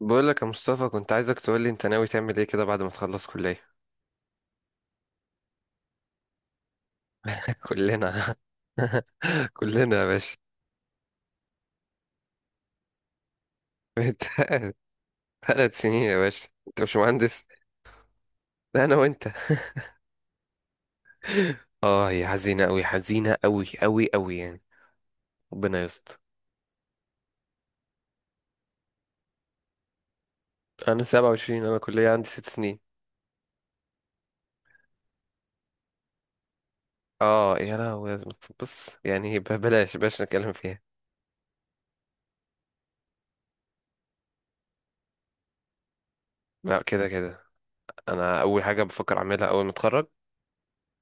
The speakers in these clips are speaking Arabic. بقول لك يا مصطفى، كنت عايزك تقول لي انت ناوي تعمل ايه كده بعد ما تخلص كلية. كلنا. كلنا يا باشا. انت 3 سنين يا باشا، انت مش مهندس. لا انا وانت. اه، هي حزينة قوي، حزينة قوي قوي قوي يعني. ربنا يستر. انا 27، انا كلية عندي 6 سنين. اه يا لهوي. بص يعني، بلاش بلاش نتكلم فيها. لا كده كده، انا اول حاجة بفكر اعملها اول ما اتخرج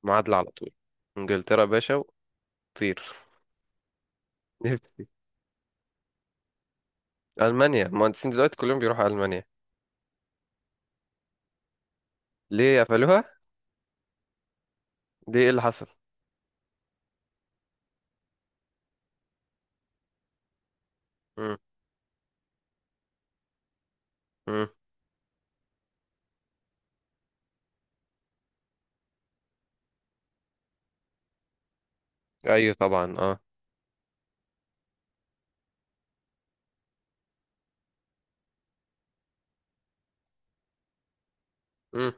معادلة على طول. انجلترا يا باشا، وطير. ألمانيا، المهندسين دلوقتي كلهم بيروحوا ألمانيا. ليه قفلوها؟ ليه، ايه اللي حصل؟ مم. مم. أيوه طبعا، اه. مم.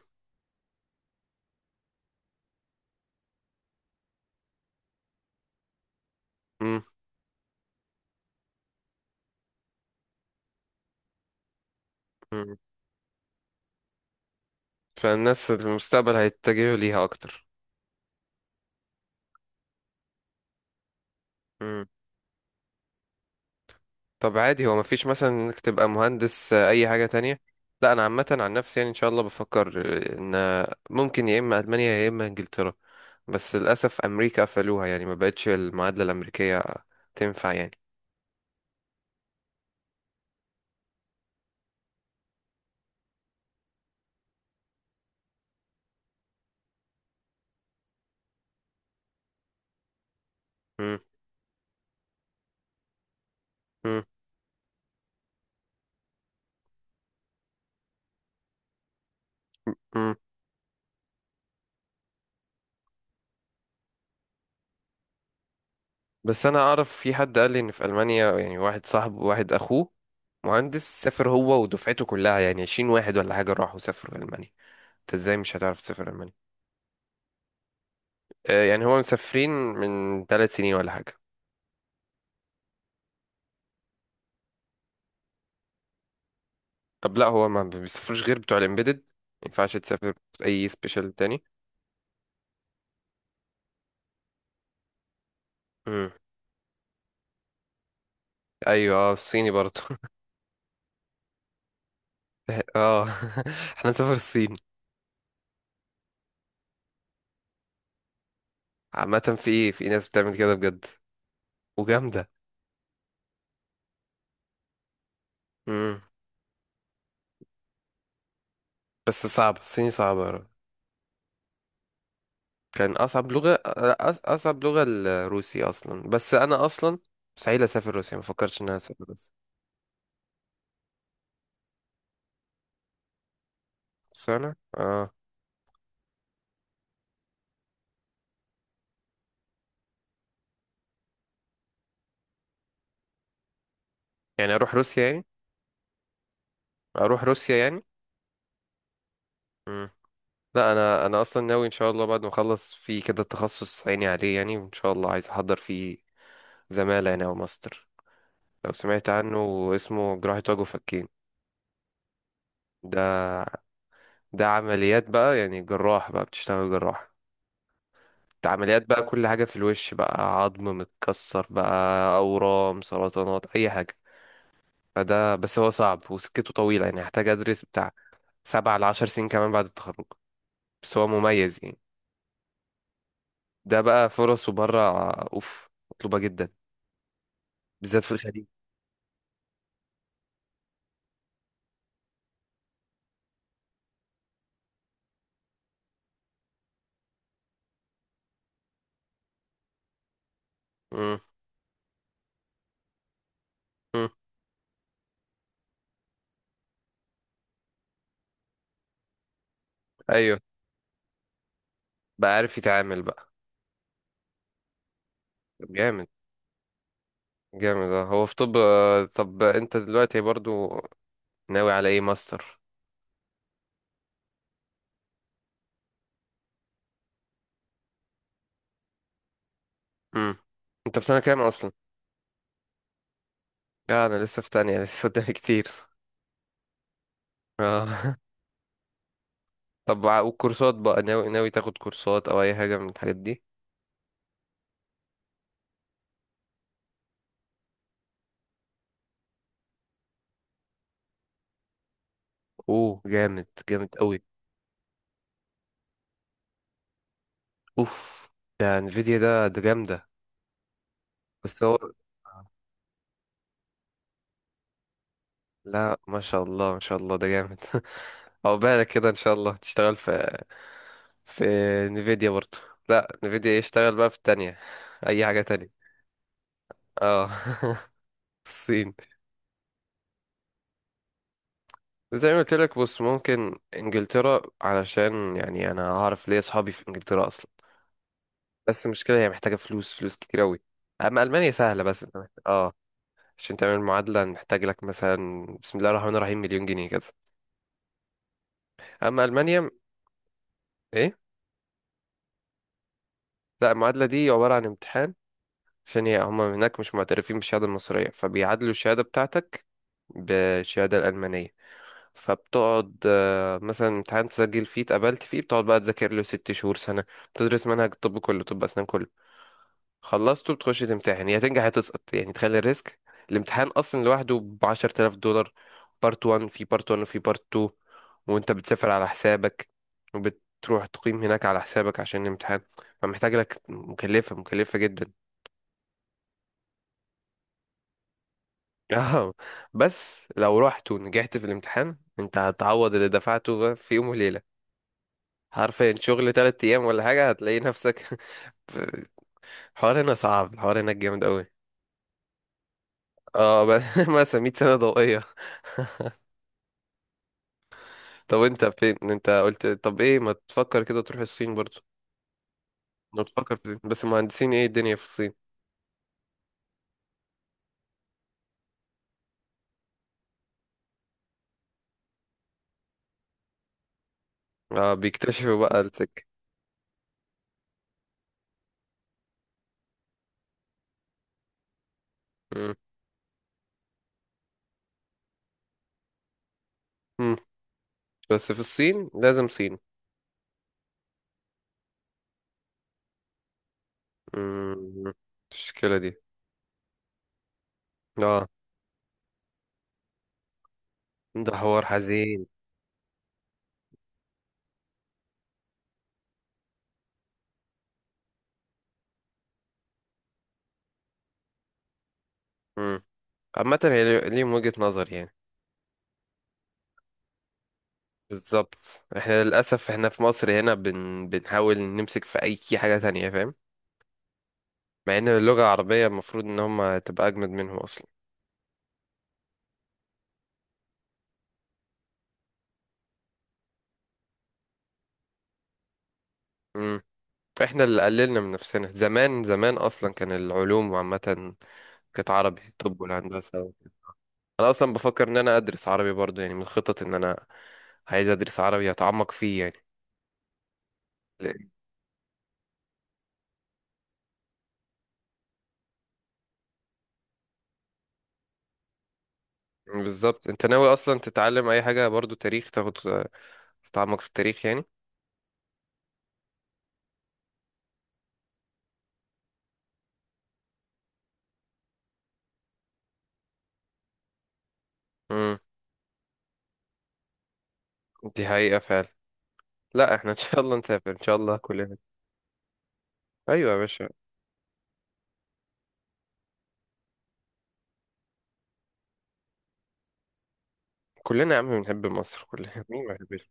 مم. مم. فالناس المستقبل هيتجهوا ليها أكتر. مم. طب عادي، هو مفيش مثلا إنك تبقى مهندس آه، أي حاجة تانية؟ لا أنا عامة عن نفسي يعني إن شاء الله بفكر آه، إن آه، ممكن يا إما ألمانيا يا إما إنجلترا. بس للأسف أمريكا قفلوها، يعني ما بقتش المعادلة الأمريكية تنفع يعني. مم. مم. مم. بس انا اعرف في حد قال لي ان في المانيا، يعني واحد صاحبه، واحد اخوه مهندس، سافر هو ودفعته كلها يعني 20 واحد ولا حاجه، راحوا سافروا المانيا. انت ازاي مش هتعرف تسافر المانيا؟ آه، يعني هو مسافرين من 3 سنين ولا حاجه. طب لا، هو ما بيسافروش غير بتوع الامبيدد؟ ما ينفعش تسافر اي سبيشال تاني؟ امم. ايوه اه، الصيني برضه. اه. احنا نسافر الصين. عامه في ناس بتعمل كده بجد، وجامده. امم. بس صعب، الصيني صعب. كان اصعب لغه اصعب لغه الروسي اصلا. بس انا اصلا مستحيل اسافر روسيا، ما فكرتش ان انا اسافر روسيا. بس انا اه، يعني اروح روسيا يعني؟ اروح روسيا يعني؟ مم. لا انا اصلا ناوي ان شاء الله بعد ما اخلص في كده تخصص عيني عليه يعني، وان شاء الله عايز احضر فيه زماله هنا وماستر. لو سمعت عنه، اسمه جراحة وجه وفكين. ده ده عمليات بقى، يعني جراح، بقى بتشتغل جراح. ده عمليات بقى، كل حاجة في الوش بقى، عظم متكسر بقى، أورام، سرطانات، أي حاجة. فده بس هو صعب وسكته طويلة، يعني هحتاج أدرس بتاع 7 لـ10 سنين كمان بعد التخرج. بس هو مميز يعني. ده بقى فرصه بره أوف، مطلوبة جدا، بالذات في الخليج. مم. مم. أيوه، بقى عارف يتعامل بقى. طب جامد، جامد اه. هو في طب آه، طب أنت دلوقتي برضو ناوي على إيه، ماستر؟ مم. أنت في سنة كام أصلا؟ لا أنا لسه في تانية، لسه قدامي كتير. اه. طب والكورسات بقى، ناوي تاخد كورسات أو أي حاجة من الحاجات دي؟ أوه جامد، جامد أوي. اوف، ده انفيديا ده جامده. بس هو. لا ما شاء الله، ما شاء الله ده جامد. او بالك كده ان شاء الله تشتغل في في انفيديا برضه. لا انفيديا يشتغل بقى في التانية اي حاجه تانية. اه. الصين. زي ما قلت لك، بص ممكن انجلترا علشان يعني انا هعرف ليه، اصحابي في انجلترا اصلا. بس المشكله هي محتاجه فلوس، فلوس كتير قوي. اما المانيا سهله، بس انت اه. عشان تعمل معادله محتاج لك مثلا، بسم الله الرحمن الرحيم، 1,000,000 جنيه كده. اما المانيا، ايه. لا المعادلة دي عبارة عن امتحان. عشان هي هما هناك مش معترفين بالشهادة المصرية، فبيعادلوا الشهادة بتاعتك بالشهادة الألمانية. فبتقعد آه، مثلا امتحان تسجل فيه، اتقبلت فيه، بتقعد بقى تذاكر له 6 شهور، سنة. بتدرس منهج الطب كله، طب أسنان كله. خلصته، بتخش تمتحن، يا تنجح يا تسقط يعني، تخلي الريسك. الامتحان اصلا لوحده ب $10,000. بارت 1، في بارت 1 وفي بارت 2. وانت بتسافر على حسابك، وبتروح تقيم هناك على حسابك عشان الامتحان. فمحتاج لك، مكلفة، مكلفة جدا. اه. بس لو رحت ونجحت في الامتحان، انت هتعوض اللي دفعته في يوم وليلة. حرفيا شغل 3 ايام ولا حاجة هتلاقي نفسك. الحوار هنا صعب، الحوار هناك جامد قوي. اه بس، مثلا 100 سنة ضوئية. طب انت فين، انت قلت طب ايه؟ ما تفكر كده تروح الصين برضو؟ ما تفكر في الصين، بس المهندسين ايه الدنيا في الصين. اه بيكتشفوا بقى السكة. مم. مم. بس في الصين لازم صين. مم. المشكلة دي. اه، ده حوار حزين. مم. عامة هي ليهم وجهة نظر يعني. بالظبط، احنا للأسف احنا في مصر هنا بنحاول نمسك في أي حاجة تانية، فاهم. مع ان اللغة العربية المفروض ان هم تبقى أجمد منهم أصلا. احنا اللي قللنا من نفسنا، زمان زمان اصلا كان العلوم عامة كانت عربي، طب والهندسة. انا اصلا بفكر ان انا ادرس عربي برضو يعني، من الخطط ان انا عايز ادرس عربي اتعمق فيه يعني. لأن- بالظبط. انت ناوي اصلا تتعلم اي حاجة برضو، تاريخ تاخد، تتعمق في التاريخ يعني. امم. دي حقيقة فعلا. لا احنا ان شاء الله نسافر، ان شاء الله كلنا. ايوه يا باشا. كلنا يا عم بنحب مصر، كلنا مين ما بيحبش.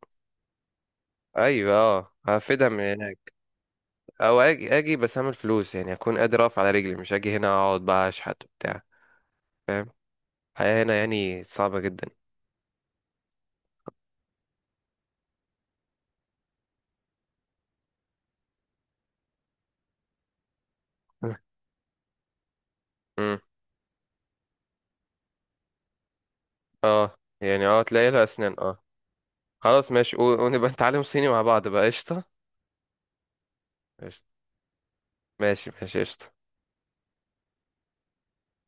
ايوه اه، هفيدها من هناك. او اجي، اجي بس اعمل فلوس يعني، اكون قادر اقف على رجلي، مش اجي هنا اقعد بقى اشحت وبتاع. فاهم. الحياة هنا يعني صعبة جدا. امم. اه يعني اه، تلاقي لها اسنان اه. خلاص ماشي، ونبقى نتعلم صيني مع بعض بقى، قشطة. قشطة، ماشي ماشي قشطة.